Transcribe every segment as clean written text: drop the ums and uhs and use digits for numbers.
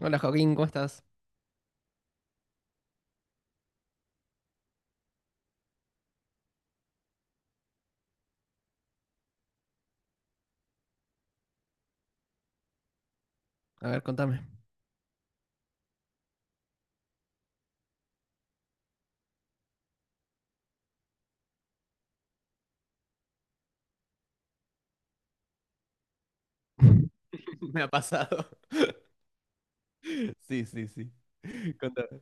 Hola Joaquín, ¿cómo estás? A ver, contame. Me ha pasado. Sí, sí, sí. Contame.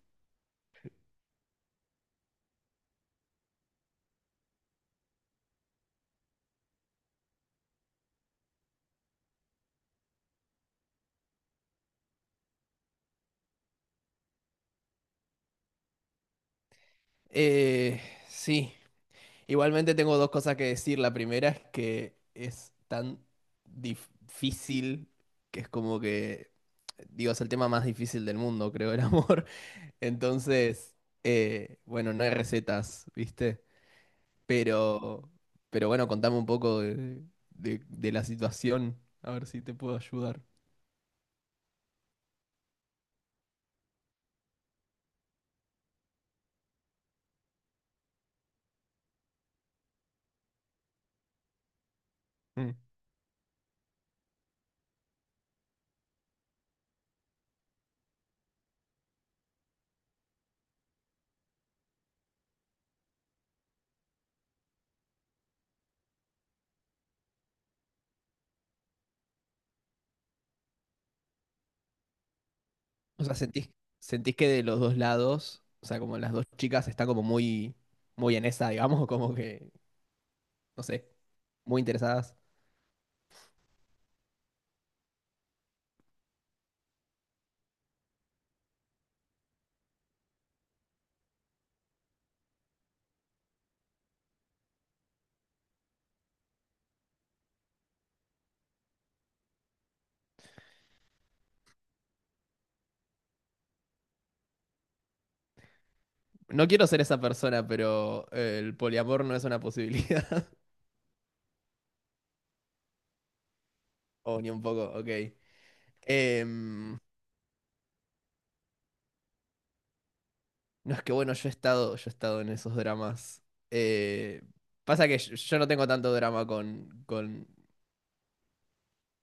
Eh, sí, Igualmente tengo dos cosas que decir. La primera es que es tan difícil que es como que, digo, es el tema más difícil del mundo, creo, el amor. Entonces, bueno, no hay recetas, ¿viste? Pero, pero bueno, contame un poco de, de la situación, a ver si te puedo ayudar. Mm. O sea, sentís que de los dos lados, o sea, como las dos chicas están como muy, muy en esa, digamos, como que, no sé, muy interesadas. No quiero ser esa persona, pero el poliamor no es una posibilidad. O ni un poco, ok. Em, no es que bueno, yo he estado en esos dramas. Eh, Pasa que yo no tengo tanto drama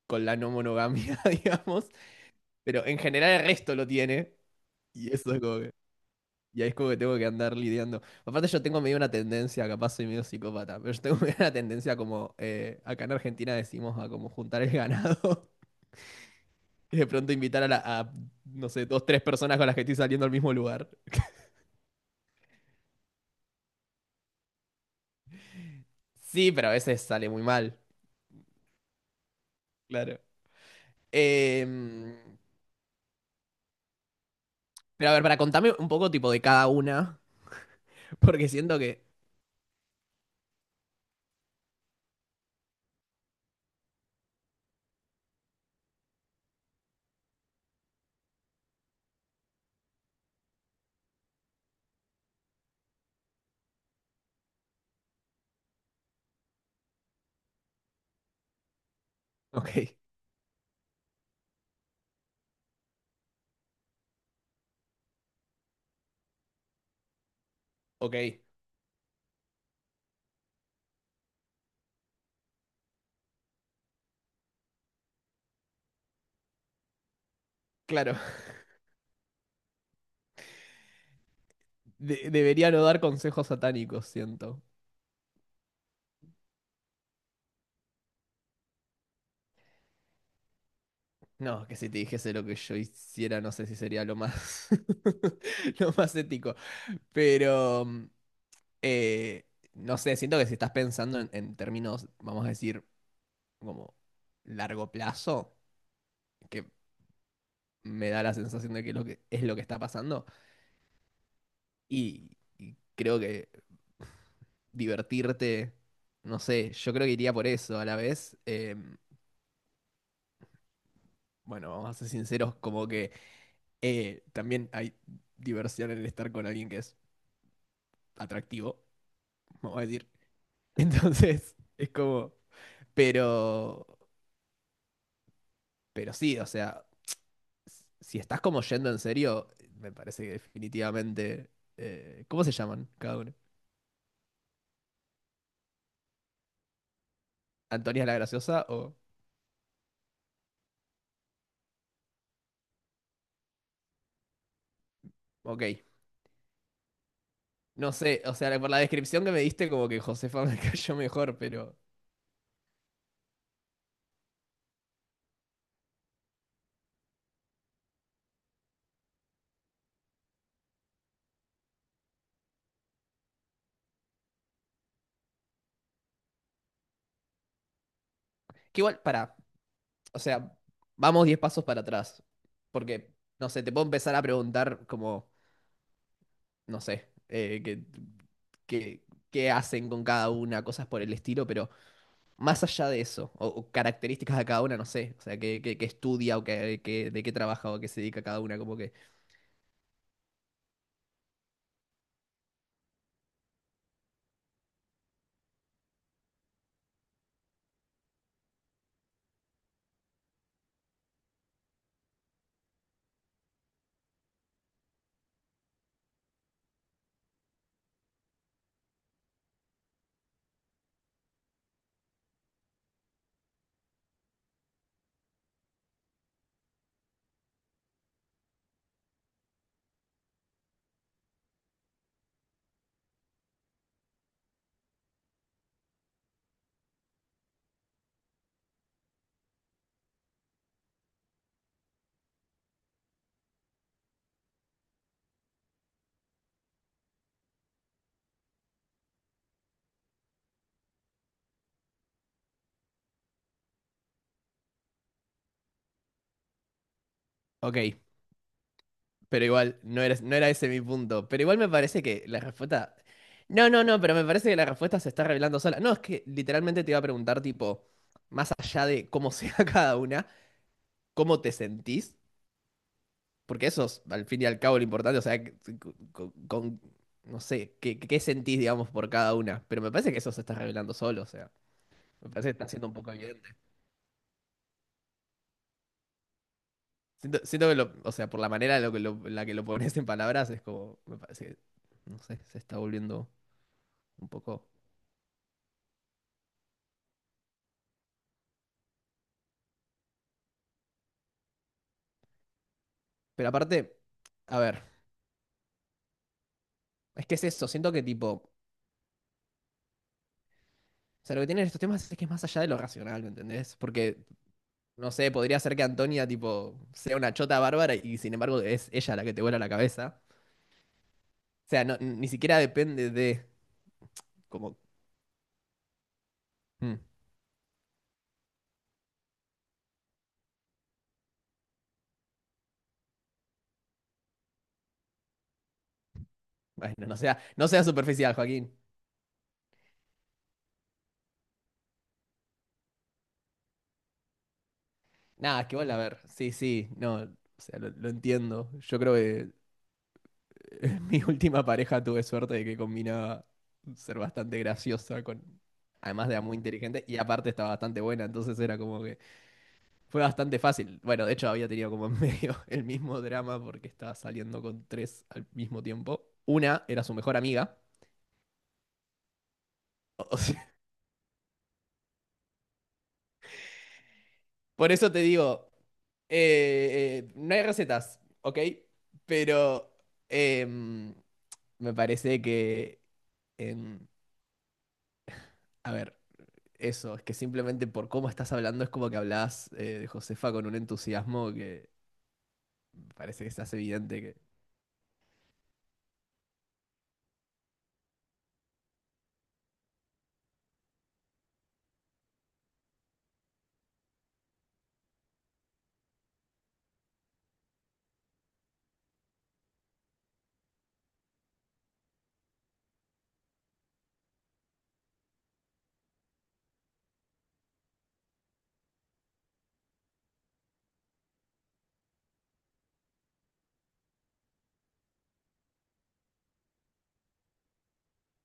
con la no monogamia, digamos, pero en general el resto lo tiene. Y eso es como que. Y ahí es como que tengo que andar lidiando. Aparte yo tengo medio una tendencia, capaz soy medio psicópata, pero yo tengo medio una tendencia como, acá en Argentina decimos a como juntar el ganado y de pronto invitar a no sé, dos, tres personas con las que estoy saliendo al mismo lugar. Sí, pero a veces sale muy mal, claro. Em, pero a ver, para contarme un poco tipo de cada una, porque siento que, ok, ok, claro, debería no dar consejos satánicos, siento. No, que si te dijese lo que yo hiciera, no sé si sería lo más, lo más ético. Pero, mm, eh, no sé, siento que si estás pensando en términos, vamos a decir, como largo plazo, que me da la sensación de que, lo que es lo que está pasando, y, y creo que divertirte, no sé, yo creo que iría por eso a la vez. Bueno, vamos a ser sinceros, como que también hay diversión en estar con alguien que es atractivo. Vamos a decir. Entonces, es como, pero, pero sí, o sea, si estás como yendo en serio, me parece que definitivamente, ¿cómo se llaman cada uno? ¿Antonia la Graciosa o...? Ok, no sé, o sea, por la descripción que me diste como que Josefa me cayó mejor, pero... Que igual, para, o sea, vamos 10 pasos para atrás, porque, no sé, te puedo empezar a preguntar como, no sé, que, que- qué hacen con cada una, cosas por el estilo, pero... Más allá de eso, o características de cada una, no sé, o sea, qué, qué estudia o qué, de qué trabaja o qué se dedica cada una, como que, ok, pero igual, no era ese mi punto, pero igual me parece que la respuesta, no, no, no, pero me parece que la respuesta se está revelando sola, no, es que literalmente te iba a preguntar, tipo, más allá de cómo sea cada una, cómo te sentís, porque eso es, al fin y al cabo, lo importante, o sea, que- con, con- no sé, qué, qué sentís, digamos, por cada una, pero me parece que eso se está revelando solo, o sea, me parece que está siendo un poco evidente. Siento que lo, o sea, por la manera en lo que en la que lo pones en palabras, es como, me parece que, no sé, se está volviendo un poco. Pero aparte, a ver, es que es eso, siento que tipo, o sea, lo que tienen estos temas es que es más allá de lo racional, ¿me entendés? Porque, no sé, podría ser que Antonia, tipo, sea una chota bárbara y sin embargo es ella la que te vuela la cabeza. O sea, no, ni siquiera depende de, como, mm, bueno, no sea, no sea superficial, Joaquín. Nada, es que vos, a ver, sí, sí, no, o sea, lo entiendo. Yo creo que mi última pareja tuve suerte de que combinaba ser bastante graciosa con, además era muy inteligente y aparte estaba bastante buena, entonces era como que fue bastante fácil. Bueno, de hecho había tenido como en medio el mismo drama porque estaba saliendo con tres al mismo tiempo. Una era su mejor amiga. O sea, por eso te digo, no hay recetas, ¿ok? Pero em, me parece que, em, a ver, eso, es que simplemente por cómo estás hablando es como que hablas de Josefa con un entusiasmo que parece que estás evidente que...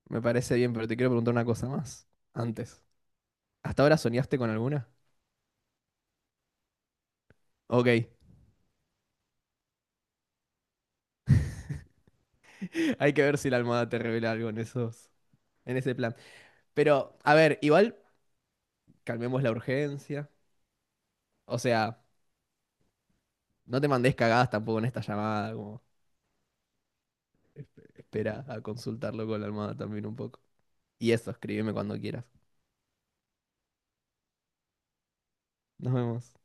Me parece bien, pero te quiero preguntar una cosa más. Antes. ¿Hasta ahora soñaste con alguna? Ok. Hay que ver si la almohada te revela algo en esos, en ese plan. Pero, a ver, igual calmemos la urgencia. O sea, no te mandes cagadas tampoco en esta llamada, como espera a consultarlo con la almohada también un poco. Y eso, escríbeme cuando quieras. Nos vemos.